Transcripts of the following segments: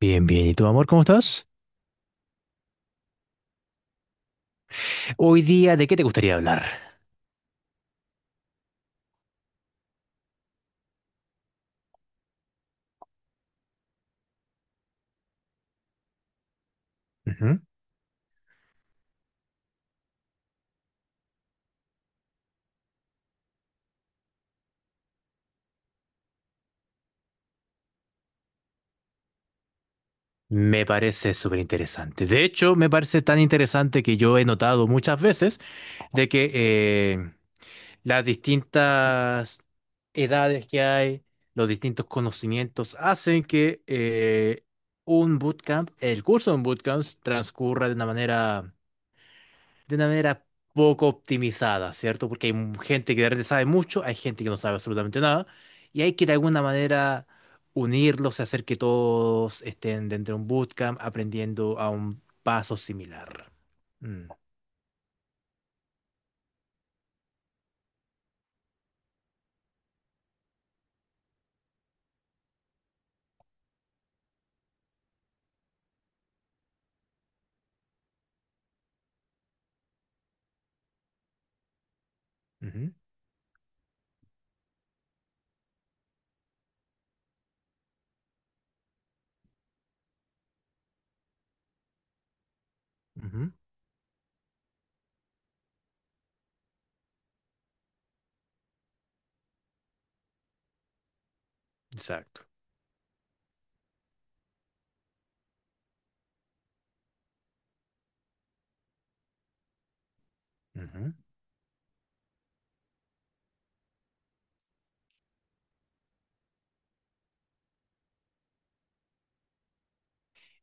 Bien, bien. ¿Y tú, amor, cómo estás? Hoy día, ¿de qué te gustaría hablar? Ujú. Me parece súper interesante. De hecho, me parece tan interesante que yo he notado muchas veces de que las distintas edades que hay, los distintos conocimientos, hacen que un bootcamp, el curso de un bootcamp, transcurra de una manera poco optimizada, ¿cierto? Porque hay gente que de repente sabe mucho, hay gente que no sabe absolutamente nada, y hay que de alguna manera unirlos y hacer que todos estén dentro de un bootcamp aprendiendo a un paso similar. Mm, ujú, ujú, exacto. Ujú.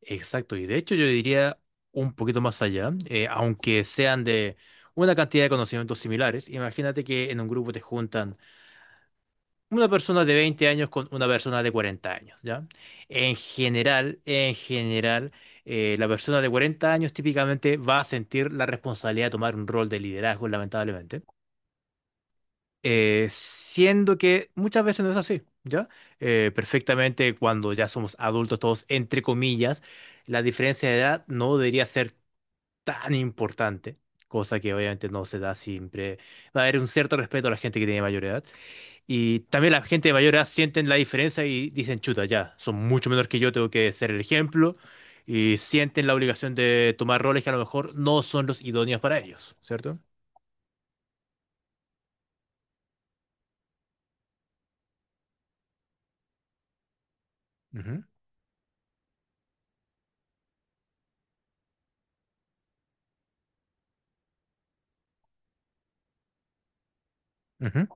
Exacto, y de hecho yo diría un poquito más allá, aunque sean de una cantidad de conocimientos similares, imagínate que en un grupo te juntan una persona de 20 años con una persona de 40 años, ¿ya? En general, la persona de 40 años típicamente va a sentir la responsabilidad de tomar un rol de liderazgo, lamentablemente, siendo que muchas veces no es así, ¿ya? Perfectamente cuando ya somos adultos todos, entre comillas, la diferencia de edad no debería ser tan importante. Cosa que obviamente no se da siempre. Va a haber un cierto respeto a la gente que tiene mayor edad. Y también la gente de mayor edad sienten la diferencia y dicen, chuta, ya, son mucho menor que yo, tengo que ser el ejemplo. Y sienten la obligación de tomar roles que a lo mejor no son los idóneos para ellos, cierto. Ujú, ujú,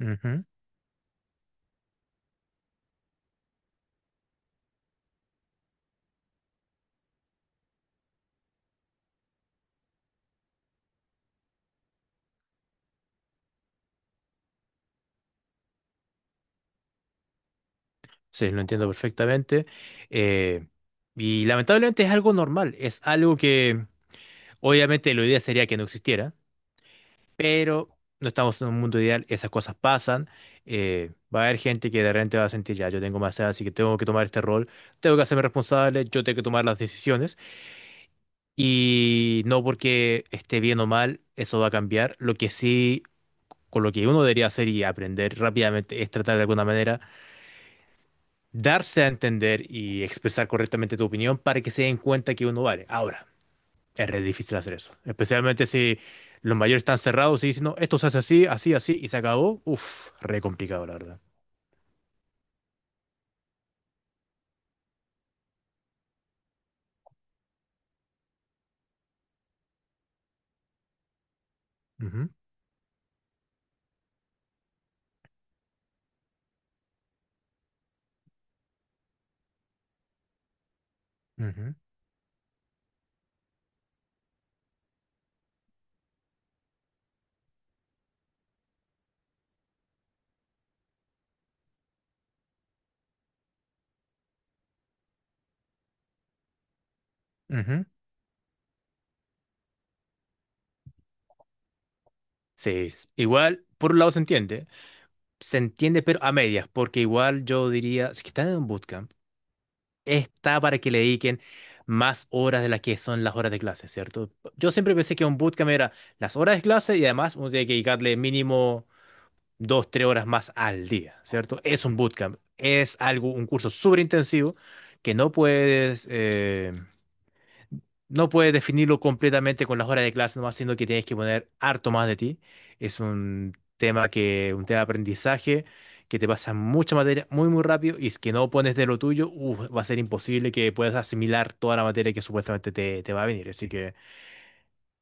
ujú. Sí, lo entiendo perfectamente. Eh, y lamentablemente es algo normal, es algo que obviamente lo ideal sería que no existiera, pero no estamos en un mundo ideal, esas cosas pasan. Va a haber gente que de repente va a sentir, ya, yo tengo más edad, así que tengo que tomar este rol, tengo que hacerme responsable, yo tengo que tomar las decisiones. Y no porque esté bien o mal, eso va a cambiar. Lo que sí, con lo que uno debería hacer y aprender rápidamente es tratar de alguna manera, darse a entender y expresar correctamente tu opinión para que se den cuenta que uno vale. Ahora. Es re difícil hacer eso. Especialmente si los mayores están cerrados y dicen, no, esto se hace así, así, así, y se acabó. Uf, re complicado, la verdad. Ujú, ujú, ujú. Sí, igual, por un lado se entiende. Se entiende, pero a medias, porque igual yo diría, si que están en un bootcamp, está para que le dediquen más horas de las que son las horas de clase, ¿cierto? Yo siempre pensé que un bootcamp era las horas de clase y además uno tiene que dedicarle mínimo. Dos, tres horas más al día, ¿cierto? Es un bootcamp, es algo, un curso súper intensivo que no puedes, no puedes definirlo completamente con las horas de clase nomás, sino que tienes que poner harto más de ti. Es un tema que, un tema de aprendizaje que te pasa mucha materia muy, muy rápido y es que no pones de lo tuyo, uf, va a ser imposible que puedas asimilar toda la materia que supuestamente te va a venir. Así que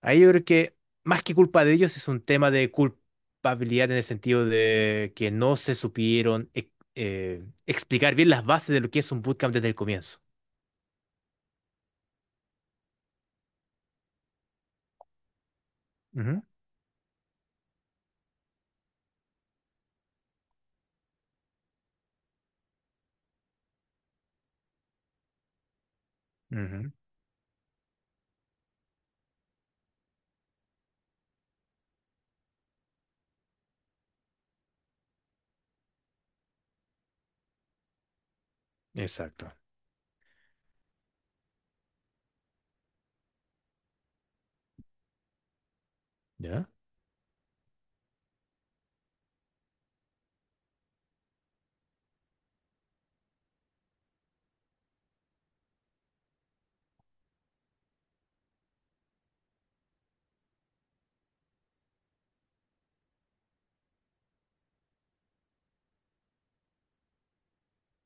ahí yo creo que más que culpa de ellos es un tema de culpabilidad en el sentido de que no se supieron explicar bien las bases de lo que es un bootcamp desde el comienzo. Ujú, ujú, exacto. ¿Ya?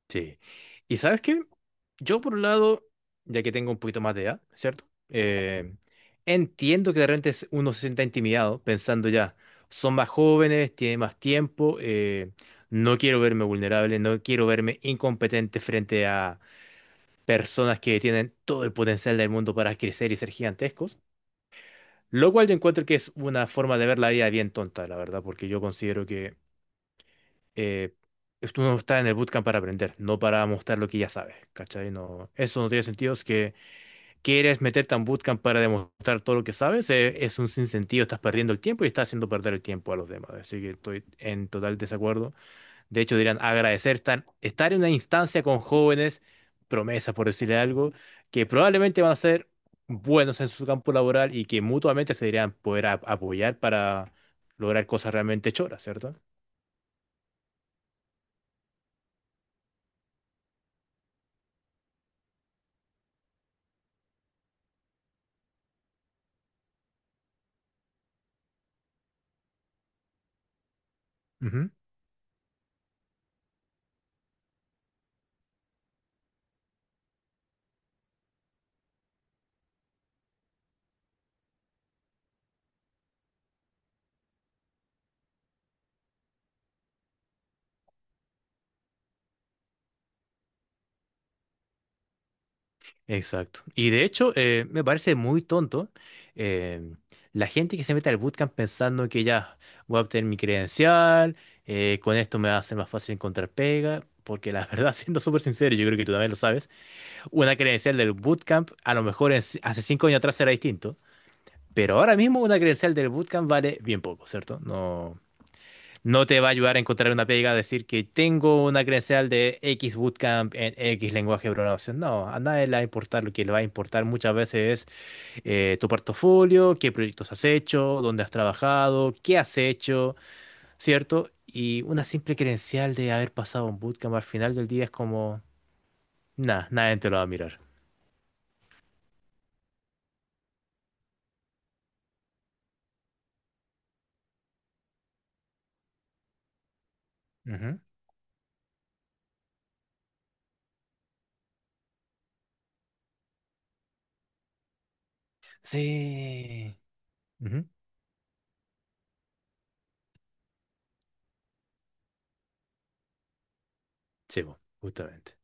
Sí. ¿Y sabes qué? Yo por un lado, ya que tengo un poquito más de edad, ¿cierto? Entiendo que de repente uno se sienta intimidado pensando ya, son más jóvenes, tienen más tiempo, no quiero verme vulnerable, no quiero verme incompetente frente a personas que tienen todo el potencial del mundo para crecer y ser gigantescos, lo cual yo encuentro que es una forma de ver la vida bien tonta, la verdad, porque yo considero que eh, tú no estás en el bootcamp para aprender, no para mostrar lo que ya sabes, ¿cachai? No, eso no tiene sentido, es que quieres meterte a un bootcamp para demostrar todo lo que sabes, es un sinsentido, estás perdiendo el tiempo y estás haciendo perder el tiempo a los demás, así que estoy en total desacuerdo. De hecho, dirán agradecer estar en una instancia con jóvenes, promesas por decirle algo, que probablemente van a ser buenos en su campo laboral y que mutuamente se deberían poder apoyar para lograr cosas realmente choras, ¿cierto? Ujú, exacto. Y de hecho, me parece muy tonto eh, la gente que se mete al bootcamp pensando que ya voy a obtener mi credencial, con esto me va a ser más fácil encontrar pega, porque la verdad, siendo súper sincero, yo creo que tú también lo sabes. Una credencial del bootcamp, a lo mejor hace 5 años atrás era distinto, pero ahora mismo una credencial del bootcamp vale bien poco, ¿cierto? No, no te va a ayudar a encontrar una pega a decir que tengo una credencial de X bootcamp en X lenguaje de programación. No, a nadie le va a importar. Lo que le va a importar muchas veces es tu portafolio, qué proyectos has hecho, dónde has trabajado, qué has hecho, ¿cierto? Y una simple credencial de haber pasado un bootcamp al final del día es como, nada, nadie te lo va a mirar. Sí. Ujú. Sí, po, justamente.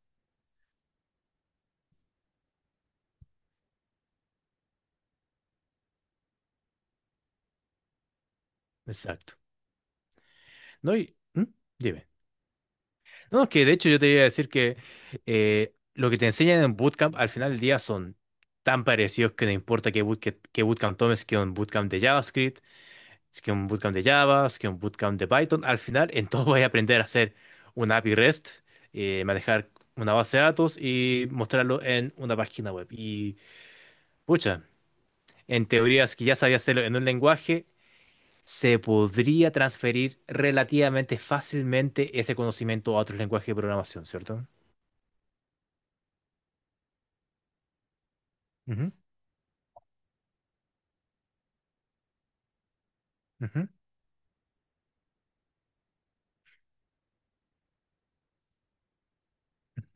Exacto. No, y, ¿mm? Dime. No, es que de hecho yo te iba a decir que lo que te enseñan en bootcamp al final del día son tan parecidos que no importa qué bootcamp, qué bootcamp tomes, que un bootcamp de JavaScript, es que un bootcamp de Java, es que un bootcamp de Python, al final en todo vas a aprender a hacer una API REST, manejar una base de datos y mostrarlo en una página web. Y, pucha, en teoría es que ya sabía hacerlo en un lenguaje se podría transferir relativamente fácilmente ese conocimiento a otros lenguajes de programación, ¿cierto? Ujú, ujú.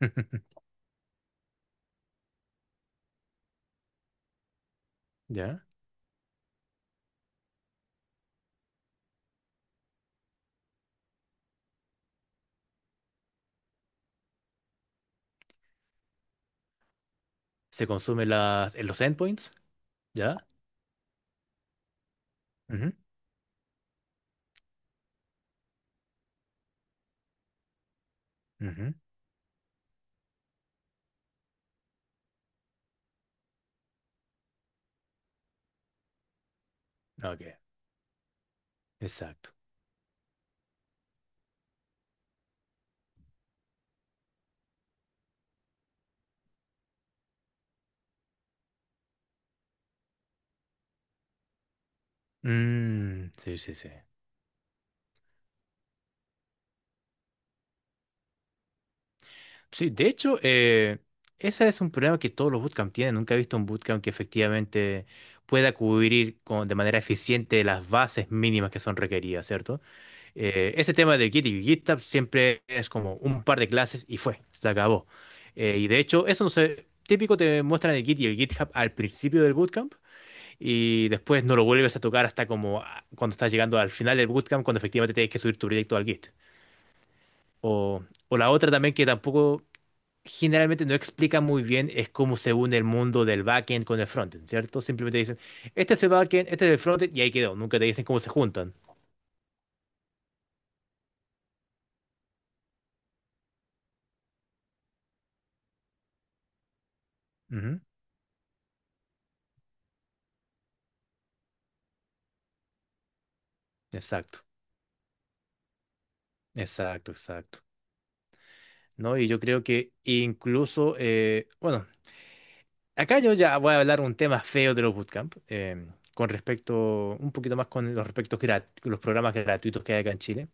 ¿Ya? Se consume las, en los endpoints, ¿ya? Ujú, ujú, ok, exacto. Mm, sí, sí, sí. Sí, de hecho, ese es un problema que todos los bootcamps tienen. Nunca he visto un bootcamp que efectivamente pueda cubrir con, de manera eficiente las bases mínimas que son requeridas, ¿cierto? Ese tema del Git y GitHub siempre es como un par de clases y fue, se acabó. Y de hecho, eso no sé, típico te muestran el Git y el GitHub al principio del bootcamp y después no lo vuelves a tocar hasta como ah, cuando estás llegando al final del bootcamp, cuando efectivamente tienes que subir tu proyecto al Git. O la otra también que tampoco generalmente no explica muy bien es cómo se une el mundo del backend con el frontend, ¿cierto? Simplemente dicen, este es el backend, este es el frontend y ahí quedó, nunca te dicen cómo se juntan. Ujú, exacto, exacto, exacto. ¿No? Y yo creo que incluso, bueno, acá yo ya voy a hablar un tema feo de los bootcamp, con respecto, un poquito más con los respectos los programas gratuitos que hay acá en Chile.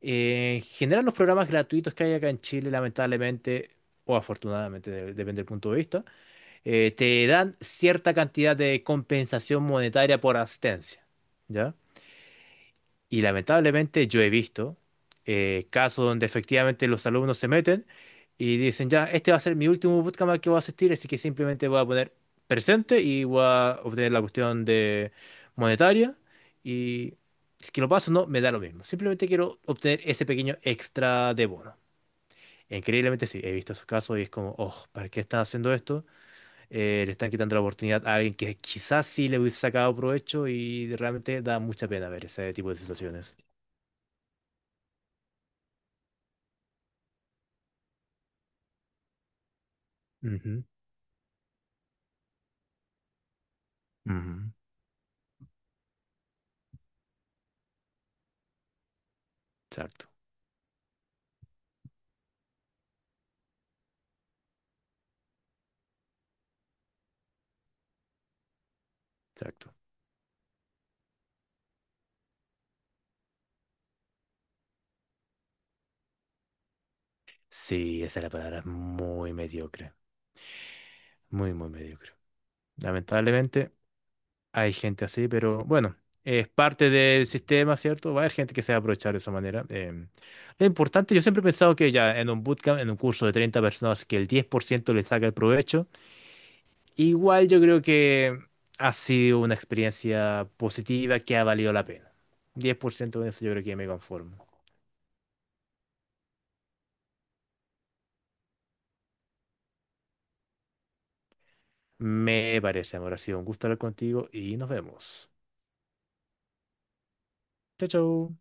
En general, los programas gratuitos que hay acá en Chile, lamentablemente, o afortunadamente, depende del punto de vista, te dan cierta cantidad de compensación monetaria por asistencia, ¿ya? Y lamentablemente yo he visto casos donde efectivamente los alumnos se meten y dicen, ya, este va a ser mi último bootcamp al que voy a asistir, así que simplemente voy a poner presente y voy a obtener la cuestión de monetaria. Y si es que lo paso, o no, me da lo mismo. Simplemente quiero obtener ese pequeño extra de bono. Increíblemente sí, he visto esos casos y es como, oh, ¿para qué están haciendo esto? Le están quitando la oportunidad a alguien que quizás sí le hubiese sacado provecho y realmente da mucha pena ver ese tipo de situaciones. Ujú. Ujú, exacto, exacto. Sí, esa es la palabra, muy mediocre, muy, muy mediocre. Lamentablemente hay gente así, pero bueno, es parte del sistema, ¿cierto? Va a haber gente que se va a aprovechar de esa manera. Lo importante, yo siempre he pensado que ya en un bootcamp, en un curso de 30 personas, que el 10% le saca el provecho, igual yo creo que ha sido una experiencia positiva que ha valido la pena. 10% de eso yo creo que me conformo. Me parece, amor, ha sido un gusto hablar contigo y nos vemos. Chao, chao.